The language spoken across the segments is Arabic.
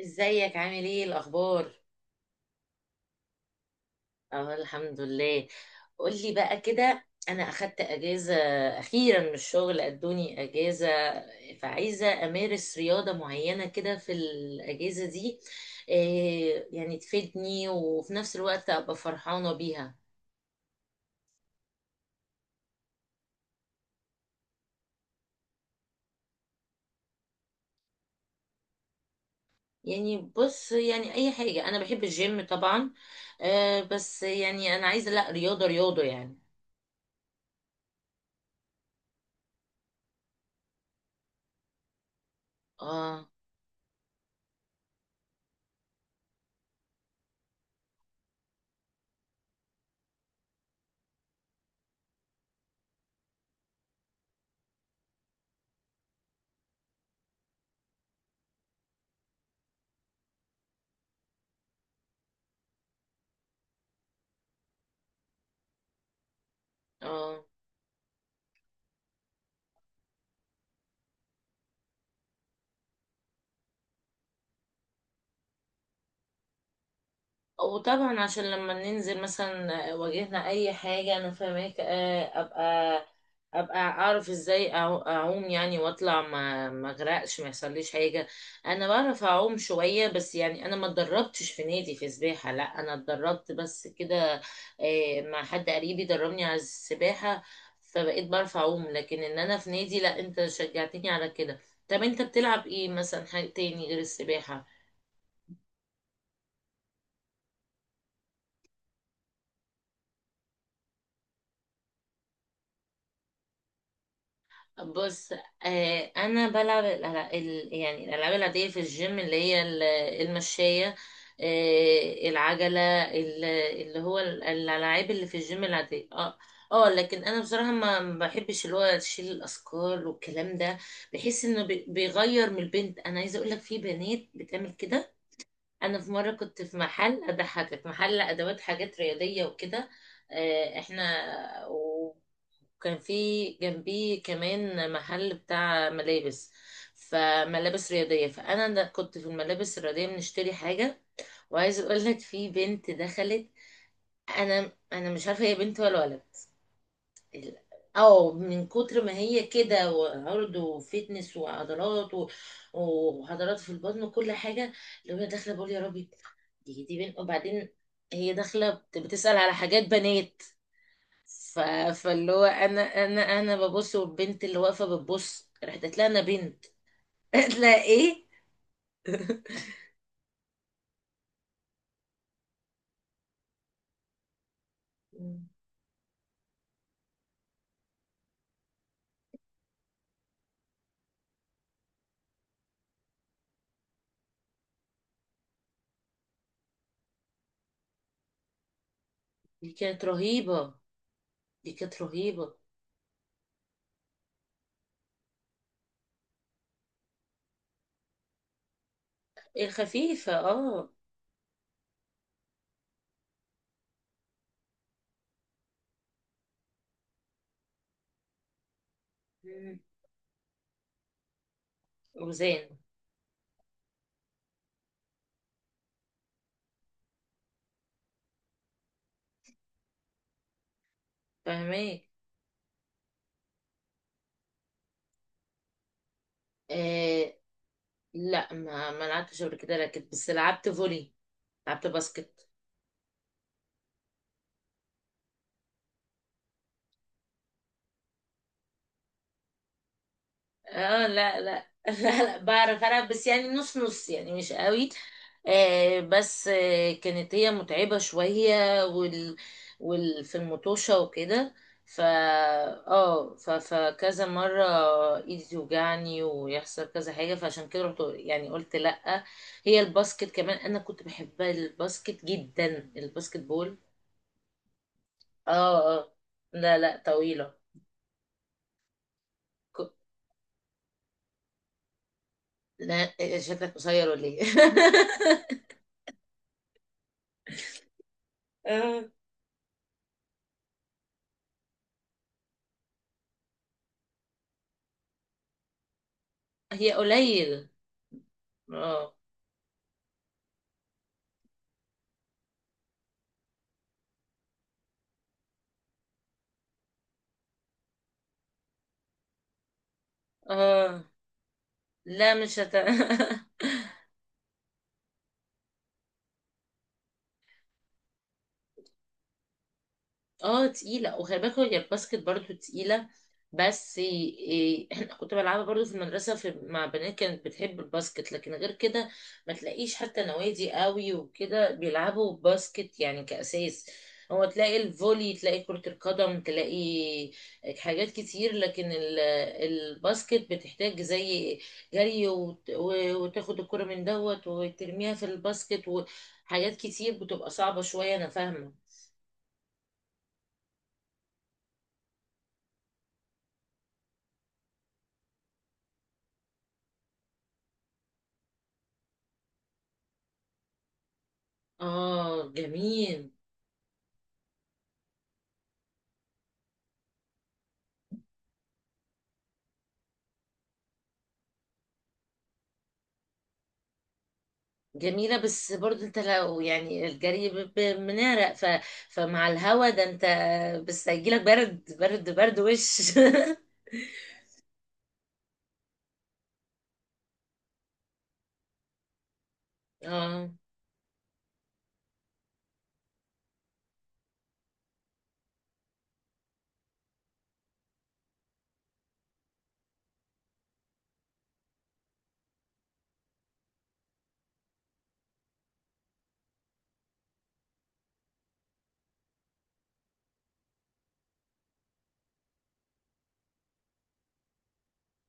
ازيك، عامل ايه الاخبار؟ اه، الحمد لله. قولي بقى كده، انا اخدت اجازة اخيرا من الشغل، ادوني اجازة. فعايزة امارس رياضة معينة كده في الاجازة دي. إيه يعني تفيدني وفي نفس الوقت ابقى فرحانة بيها. يعني بص، يعني اي حاجة. انا بحب الجيم طبعا. بس يعني انا عايزة، لا رياضة رياضة يعني. اه، اه، وطبعا عشان لما ننزل مثلا واجهنا اي حاجة، انا فاهمك. ابقى اعرف ازاي اعوم يعني واطلع، ما اغرقش، ما يحصليش حاجة. انا بعرف اعوم شوية، بس يعني انا ما اتدربتش في نادي في سباحة، لا انا اتدربت بس كده. مع حد قريبي دربني على السباحة. فبقيت بعرف اعوم، لكن ان انا في نادي لا، انت شجعتني على كده. طب انت بتلعب ايه مثلا؟ حاجة تاني غير السباحة. بص، انا بلعب يعني الالعاب العاديه في الجيم، اللي هي المشايه، آه العجله، الالعاب اللي في الجيم العاديه، اه. اه لكن انا بصراحه ما بحبش اللي هو تشيل الاثقال والكلام ده. بحس انه بيغير من البنت. انا عايزه اقول لك، في بنات بتعمل كده. انا في مره كنت في محل، اضحكك، محل ادوات حاجات رياضيه وكده. آه، احنا. وكان في جنبيه كمان محل بتاع ملابس، فملابس رياضيه. فانا كنت في الملابس الرياضيه بنشتري حاجه. وعايز اقول لك، في بنت دخلت، انا مش عارفه هي بنت ولا ولد. ال- اه من كتر ما هي كده، وعرض، وفتنس، وعضلات، وعضلات في البطن وكل حاجة. اللي هو أنا داخلة بقول يا ربي، دي بنت. وبعدين هي داخلة بتسأل على حاجات بنات. ف... فاللي هو انا، انا ببص، والبنت اللي واقفة بتبص، رحت قالت لها انا بنت. قالت لها ايه. مم. دي كانت رهيبة، دي كانت رهيبة. الخفيفة اه. مم. وزان. فاهمك. لا، ما لعبتش قبل كده راكت، بس لعبت فولي، لعبت باسكت. اه لا لا، لا لا، بعرف العب، بس يعني نص نص يعني، مش قوي. آه بس آه كانت هي متعبة شوية، وال في المطوشة وكده. ف اه فكذا مرة ايدي توجعني ويحصل كذا حاجة، فعشان كده رحت يعني قلت لا. هي الباسكت كمان انا كنت بحبها، الباسكت جدا، الباسكت بول. اه، اه، لا لا، طويلة. لا، شكلك قصير ولا ايه؟ اه. هي قليل. اه، اه، لا مش هت اه. تقيلة، وخلي بالك هي الباسكت برضو تقيلة. بس إيه إيه، احنا كنت بلعبها برضو في المدرسة، في مع بنات كانت بتحب الباسكت. لكن غير كده ما تلاقيش حتى نوادي قوي وكده بيلعبوا باسكت يعني كأساس. هو تلاقي الفولي، تلاقي كرة القدم، تلاقي حاجات كتير، لكن الباسكت بتحتاج زي جري وتاخد الكرة من دوت وترميها في الباسكت، وحاجات كتير بتبقى صعبة شوية. أنا فاهمة. اه جميل. جميلة، بس برضو انت لو يعني الجري بنعرق، فمع الهوا ده انت، بس هيجيلك برد برد برد وش. اه،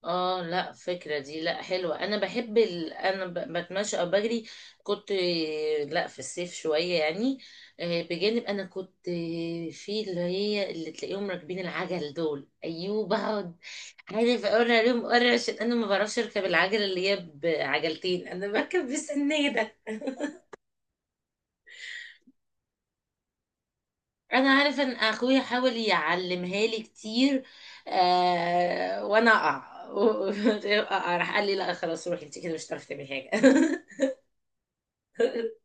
اه، لا فكرة دي لا حلوة. انا بحب انا بتمشى او بجري كنت. لا في الصيف شوية يعني. بجانب انا كنت في اللي هي اللي تلاقيهم راكبين العجل دول، ايوه بقعد عايزة اوري عليهم، اوري، عشان انا ما بعرفش اركب العجلة اللي هي بعجلتين، انا بركب بسنادة. انا عارفة ان اخويا حاول يعلمها لي كتير، آه، وانا اقع اقع، راح قال لي لا خلاص روحي انت كده مش هتعرفي تعملي حاجة.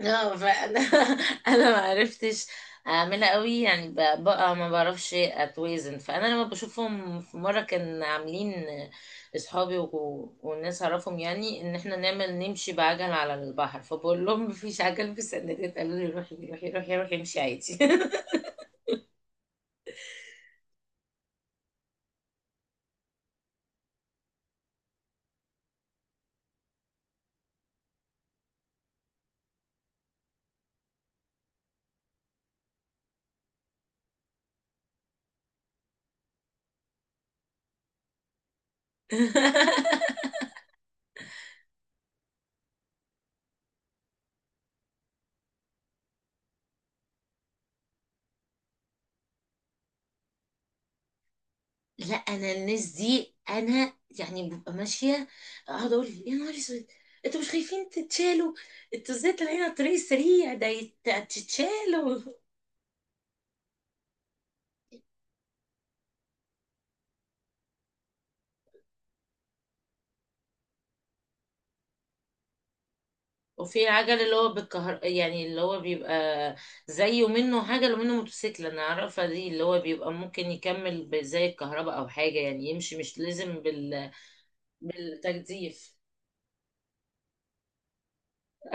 لا فانا انا ما عرفتش اعملها قوي يعني، بقى ما بعرفش اتوازن. فانا لما بشوفهم في مره كان عاملين اصحابي والناس اعرفهم يعني ان احنا نعمل نمشي بعجل على البحر، فبقول لهم مفيش عجل في السندات، قالوا لي روحي روحي روحي روحي امشي عادي. لا، انا الناس دي، انا يعني ببقى ماشيه، اقعد اقول يا نهار اسود، انتوا مش خايفين تتشالوا؟ انتوا ازاي طالعين على الطريق السريع ده؟ تتشالوا. وفي عجل اللي هو بالكهر يعني، اللي هو بيبقى زي، ومنه عجل ومنه موتوسيكل، انا عارفه دي اللي هو بيبقى ممكن يكمل، زي الكهرباء او حاجه يعني يمشي، مش لازم بالتجديف.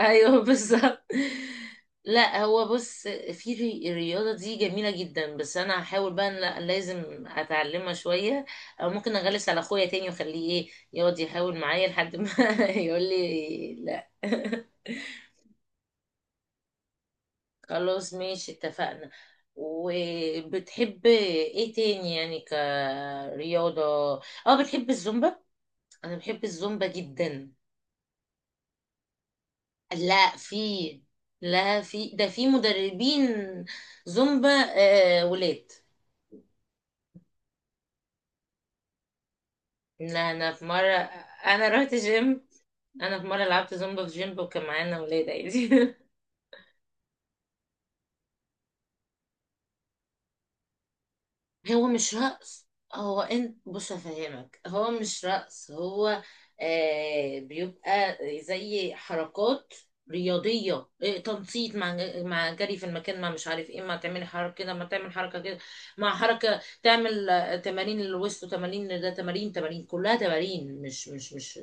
ايوه بالظبط. لا هو بص، في الرياضه دي جميله جدا، بس انا هحاول بقى إن لا، لازم اتعلمها شويه. او ممكن اغلس على اخويا تاني واخليه ايه، يقعد يحاول معايا لحد ما يقول لي لا. خلاص، ماشي، اتفقنا. وبتحب ايه تاني يعني كرياضة؟ اه، بتحب الزومبا؟ انا بحب الزومبا جدا. لا في، لا في، ده في مدربين زومبا، آه ولاد. لا انا في مرة، انا رحت جيم، انا في مرة لعبت زومبا في جيم وكان معانا ولاد عادي. هو مش رقص. هو انت بص افهمك، هو مش رقص، هو بيبقى زي حركات رياضية، تنشيط، مع مع جري في المكان، ما مش عارف ايه، ما تعملي حركة كده، ما تعمل حركة كده، مع حركة تعمل تمارين للوسط، وتمارين ده، تمارين، تمارين، كلها تمارين، مش.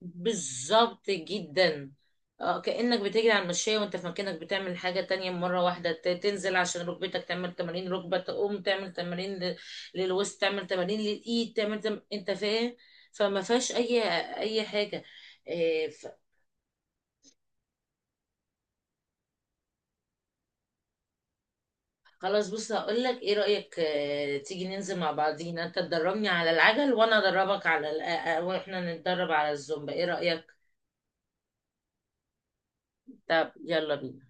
بالظبط جدا. اه كأنك بتجري على المشاية، وانت في مكانك بتعمل حاجة تانية، مرة واحدة تنزل عشان ركبتك تعمل تمارين ركبة، تقوم تعمل تمارين للوسط، تعمل تمارين للإيد، تعمل انت فاهم. فما فيهاش أي حاجة. إيه ف... خلاص، بص هقول لك ايه رأيك، تيجي ننزل مع بعضينا، انت تدربني على العجل، وانا ادربك على ال... آه، آه، واحنا نتدرب على الزومبا، ايه رأيك؟ طب يلا بينا.